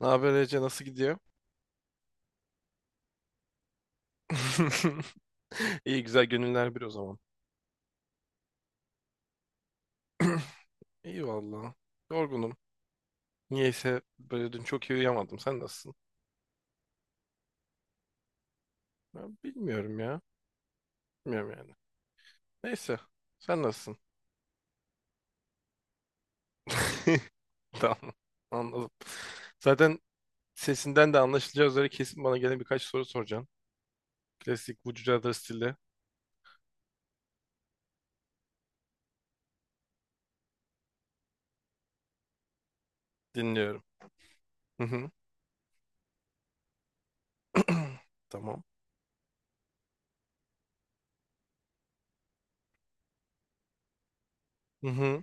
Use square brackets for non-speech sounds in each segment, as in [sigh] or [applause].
Ne haber Ece, nasıl gidiyor? [laughs] İyi, güzel gönüller bir o zaman. [clears throat] İyi valla. Yorgunum. Niyeyse böyle dün çok iyi uyuyamadım. Sen nasılsın? Ben bilmiyorum ya. Bilmiyorum yani. Neyse. Sen nasılsın? [laughs] Tamam. Anladım. Zaten sesinden de anlaşılacağı üzere kesin bana gene birkaç soru soracaksın. Klasik Would You Rather stili dinliyorum. Hı hı. [clears throat] Tamam. Hı hı.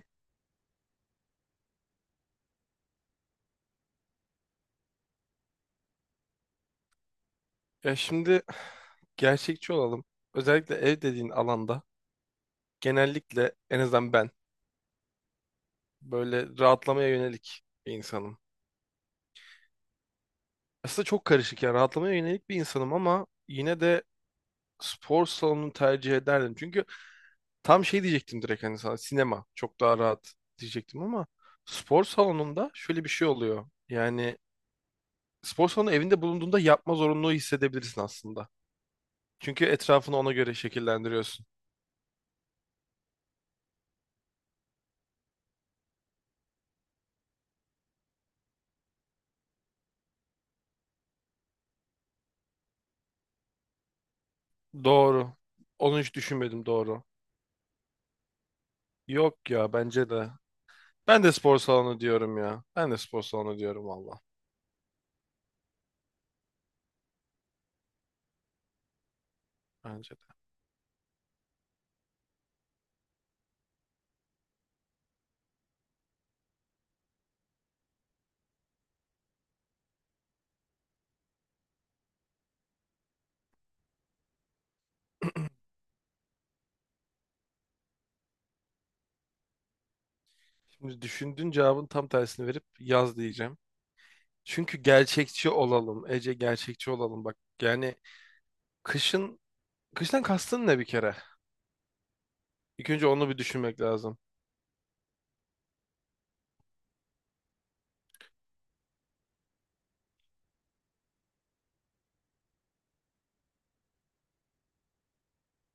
Ya şimdi gerçekçi olalım. Özellikle ev dediğin alanda genellikle en azından ben böyle rahatlamaya yönelik bir insanım. Aslında çok karışık ya, rahatlamaya yönelik bir insanım ama yine de spor salonunu tercih ederdim. Çünkü tam şey diyecektim, direkt hani sana sinema çok daha rahat diyecektim ama spor salonunda şöyle bir şey oluyor. Yani spor salonu evinde bulunduğunda yapma zorunluluğu hissedebilirsin aslında. Çünkü etrafını ona göre şekillendiriyorsun. Doğru. Onu hiç düşünmedim, doğru. Yok ya, bence de. Ben de spor salonu diyorum ya. Ben de spor salonu diyorum valla. Bence de. Şimdi düşündüğün cevabın tam tersini verip yaz diyeceğim. Çünkü gerçekçi olalım. Ece, gerçekçi olalım. Bak yani kışın, kıştan kastın ne bir kere? İlk önce onu bir düşünmek lazım.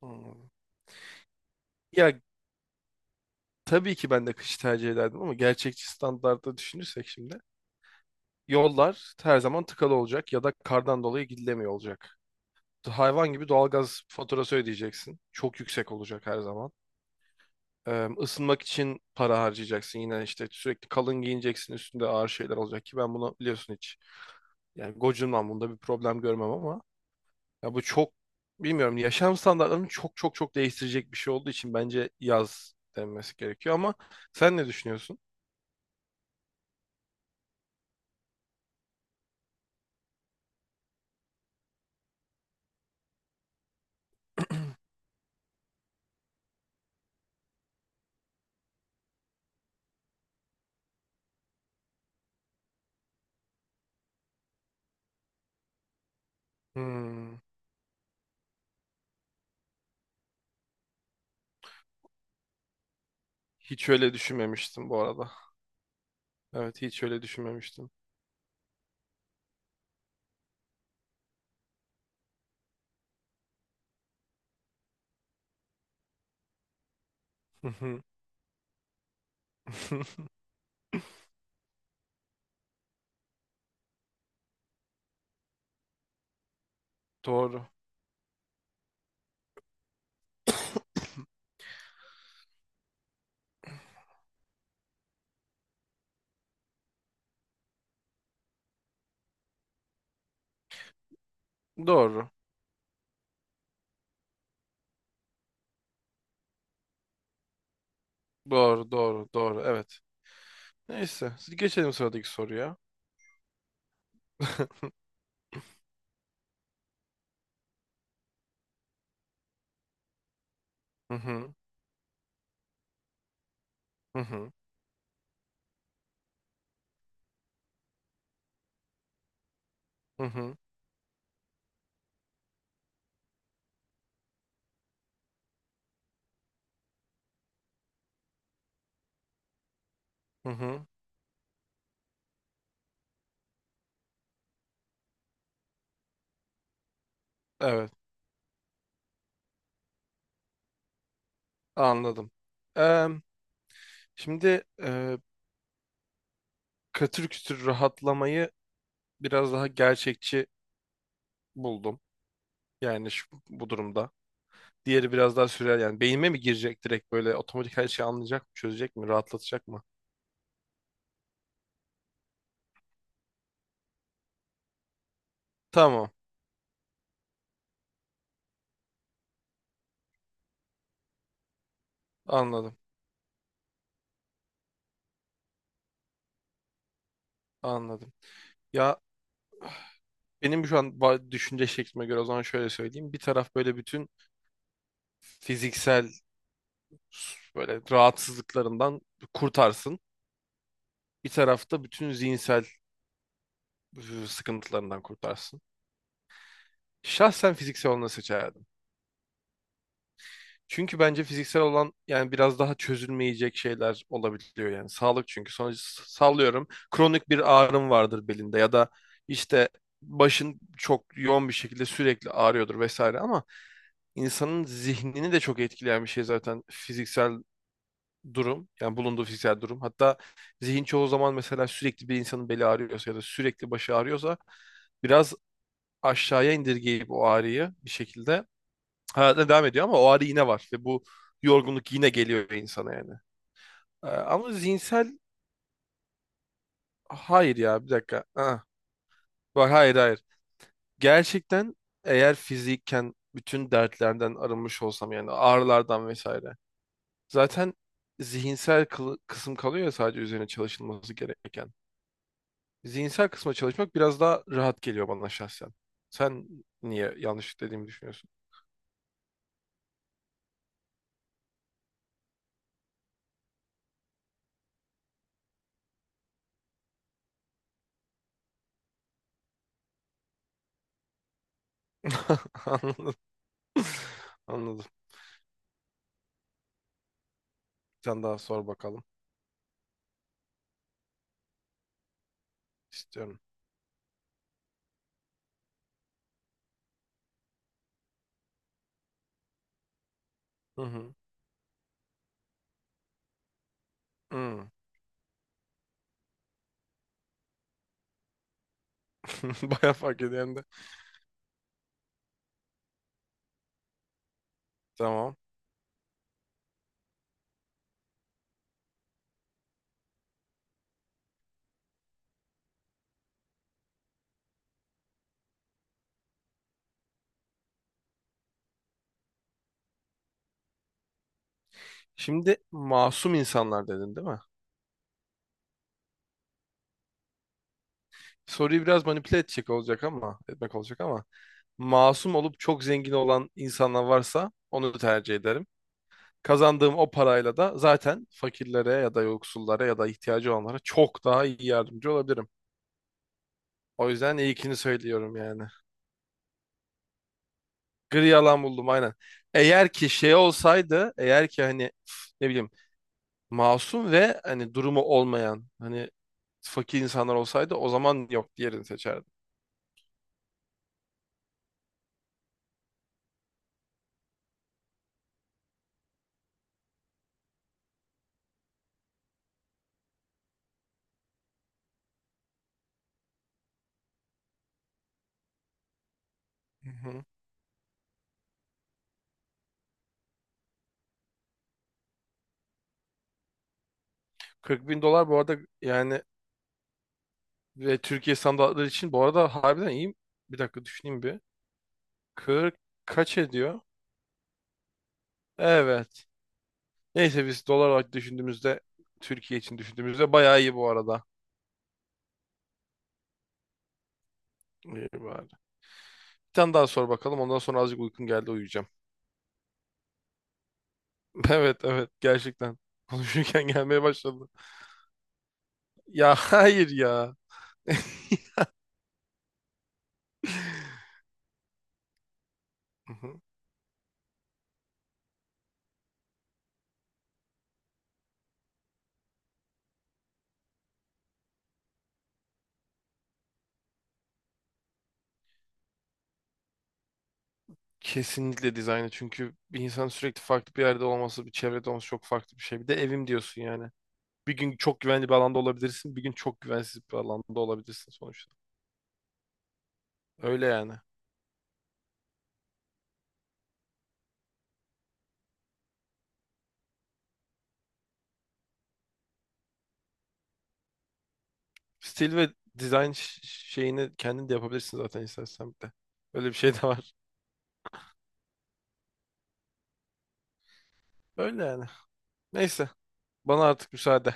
Hmm. Ya tabii ki ben de kışı tercih ederdim ama gerçekçi standartta düşünürsek, şimdi yollar her zaman tıkalı olacak ya da kardan dolayı gidilemiyor olacak. Hayvan gibi doğalgaz faturası ödeyeceksin. Çok yüksek olacak her zaman. Isınmak için para harcayacaksın. Yine işte sürekli kalın giyineceksin. Üstünde ağır şeyler olacak ki ben bunu biliyorsun hiç. Yani gocunmam, bunda bir problem görmem ama ya bu çok, bilmiyorum, yaşam standartlarını çok çok çok değiştirecek bir şey olduğu için bence yaz denmesi gerekiyor ama sen ne düşünüyorsun? Hmm, hiç öyle düşünmemiştim bu arada. Evet, hiç öyle düşünmemiştim. [laughs] Doğru. Doğru. Doğru, doğru, doğru. Evet. Neyse. Siz geçelim sıradaki soruya. [laughs] Hı hı. Hı hı. Hı hı. Hı hı. Evet. Anladım. Eee, Şimdi katır kütür rahatlamayı biraz daha gerçekçi buldum. Yani şu, bu durumda. Diğeri biraz daha sürel, yani beynime mi girecek direkt böyle otomatik, her şeyi anlayacak mı, çözecek mi, rahatlatacak mı? Tamam. Anladım. Anladım. Ya benim şu an düşünce şeklime göre o zaman şöyle söyleyeyim. Bir taraf böyle bütün fiziksel böyle rahatsızlıklarından kurtarsın. Bir tarafta bütün zihinsel e, sıkıntılarından kurtarsın. Şahsen fiziksel olanı seçerdim. Çünkü bence fiziksel olan yani biraz daha çözülmeyecek şeyler olabiliyor yani. Sağlık çünkü, sonuç sallıyorum. Kronik bir ağrım vardır belinde ya da işte başın çok yoğun bir şekilde sürekli ağrıyordur vesaire ama insanın zihnini de çok etkileyen bir şey zaten fiziksel durum, yani bulunduğu fiziksel durum. Hatta zihin çoğu zaman, mesela sürekli bir insanın beli ağrıyorsa ya da sürekli başı ağrıyorsa biraz aşağıya indirgeyip o ağrıyı bir şekilde hayatına devam ediyor ama o ağrı yine var ve bu yorgunluk yine geliyor insana yani. Ama zihinsel, hayır ya, bir dakika. Aa, bak, hayır hayır. Gerçekten, eğer fizikken bütün dertlerden arınmış olsam yani, ağrılardan vesaire. Zaten zihinsel kısım kalıyor ya, sadece üzerine çalışılması gereken. Zihinsel kısma çalışmak biraz daha rahat geliyor bana şahsen. Sen niye yanlış dediğimi düşünüyorsun? [laughs] Anladım. Anladım. Sen daha sor bakalım. İstiyorum. Hı hı. Hı. [laughs] Bayağı fark ediyorum de. Tamam. Şimdi masum insanlar dedin değil mi? Soruyu biraz manipüle edecek olacak ama, etmek olacak ama, masum olup çok zengin olan insanlar varsa onu tercih ederim. Kazandığım o parayla da zaten fakirlere ya da yoksullara ya da ihtiyacı olanlara çok daha iyi yardımcı olabilirim. O yüzden ilkini söylüyorum yani. Gri alan buldum, aynen. Eğer ki şey olsaydı, eğer ki hani, ne bileyim, masum ve hani durumu olmayan, hani fakir insanlar olsaydı, o zaman yok, diğerini seçerdim. Hı hı. 40 bin dolar bu arada yani, ve Türkiye standartları için bu arada harbiden iyi. Bir dakika düşüneyim bir. 40 kaç ediyor? Evet. Neyse, biz dolar olarak düşündüğümüzde, Türkiye için düşündüğümüzde bayağı iyi bu arada. İyi bari. Bir tane daha sor bakalım. Ondan sonra azıcık uykun geldi, uyuyacağım. [laughs] Evet evet, gerçekten. [laughs] Konuşurken gelmeye başladı. Ya hayır ya. [laughs] Hı hı. Kesinlikle dizaynı. Çünkü bir insan sürekli farklı bir yerde olması, bir çevrede olması çok farklı bir şey. Bir de evim diyorsun yani. Bir gün çok güvenli bir alanda olabilirsin, bir gün çok güvensiz bir alanda olabilirsin sonuçta. Öyle yani. Stil ve dizayn şeyini kendin de yapabilirsin zaten istersen bir de. Öyle bir şey de var. Öyle yani. Neyse. Bana artık müsaade.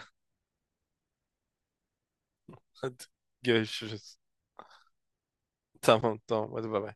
[laughs] Hadi görüşürüz. Tamam tamam, hadi bay bay.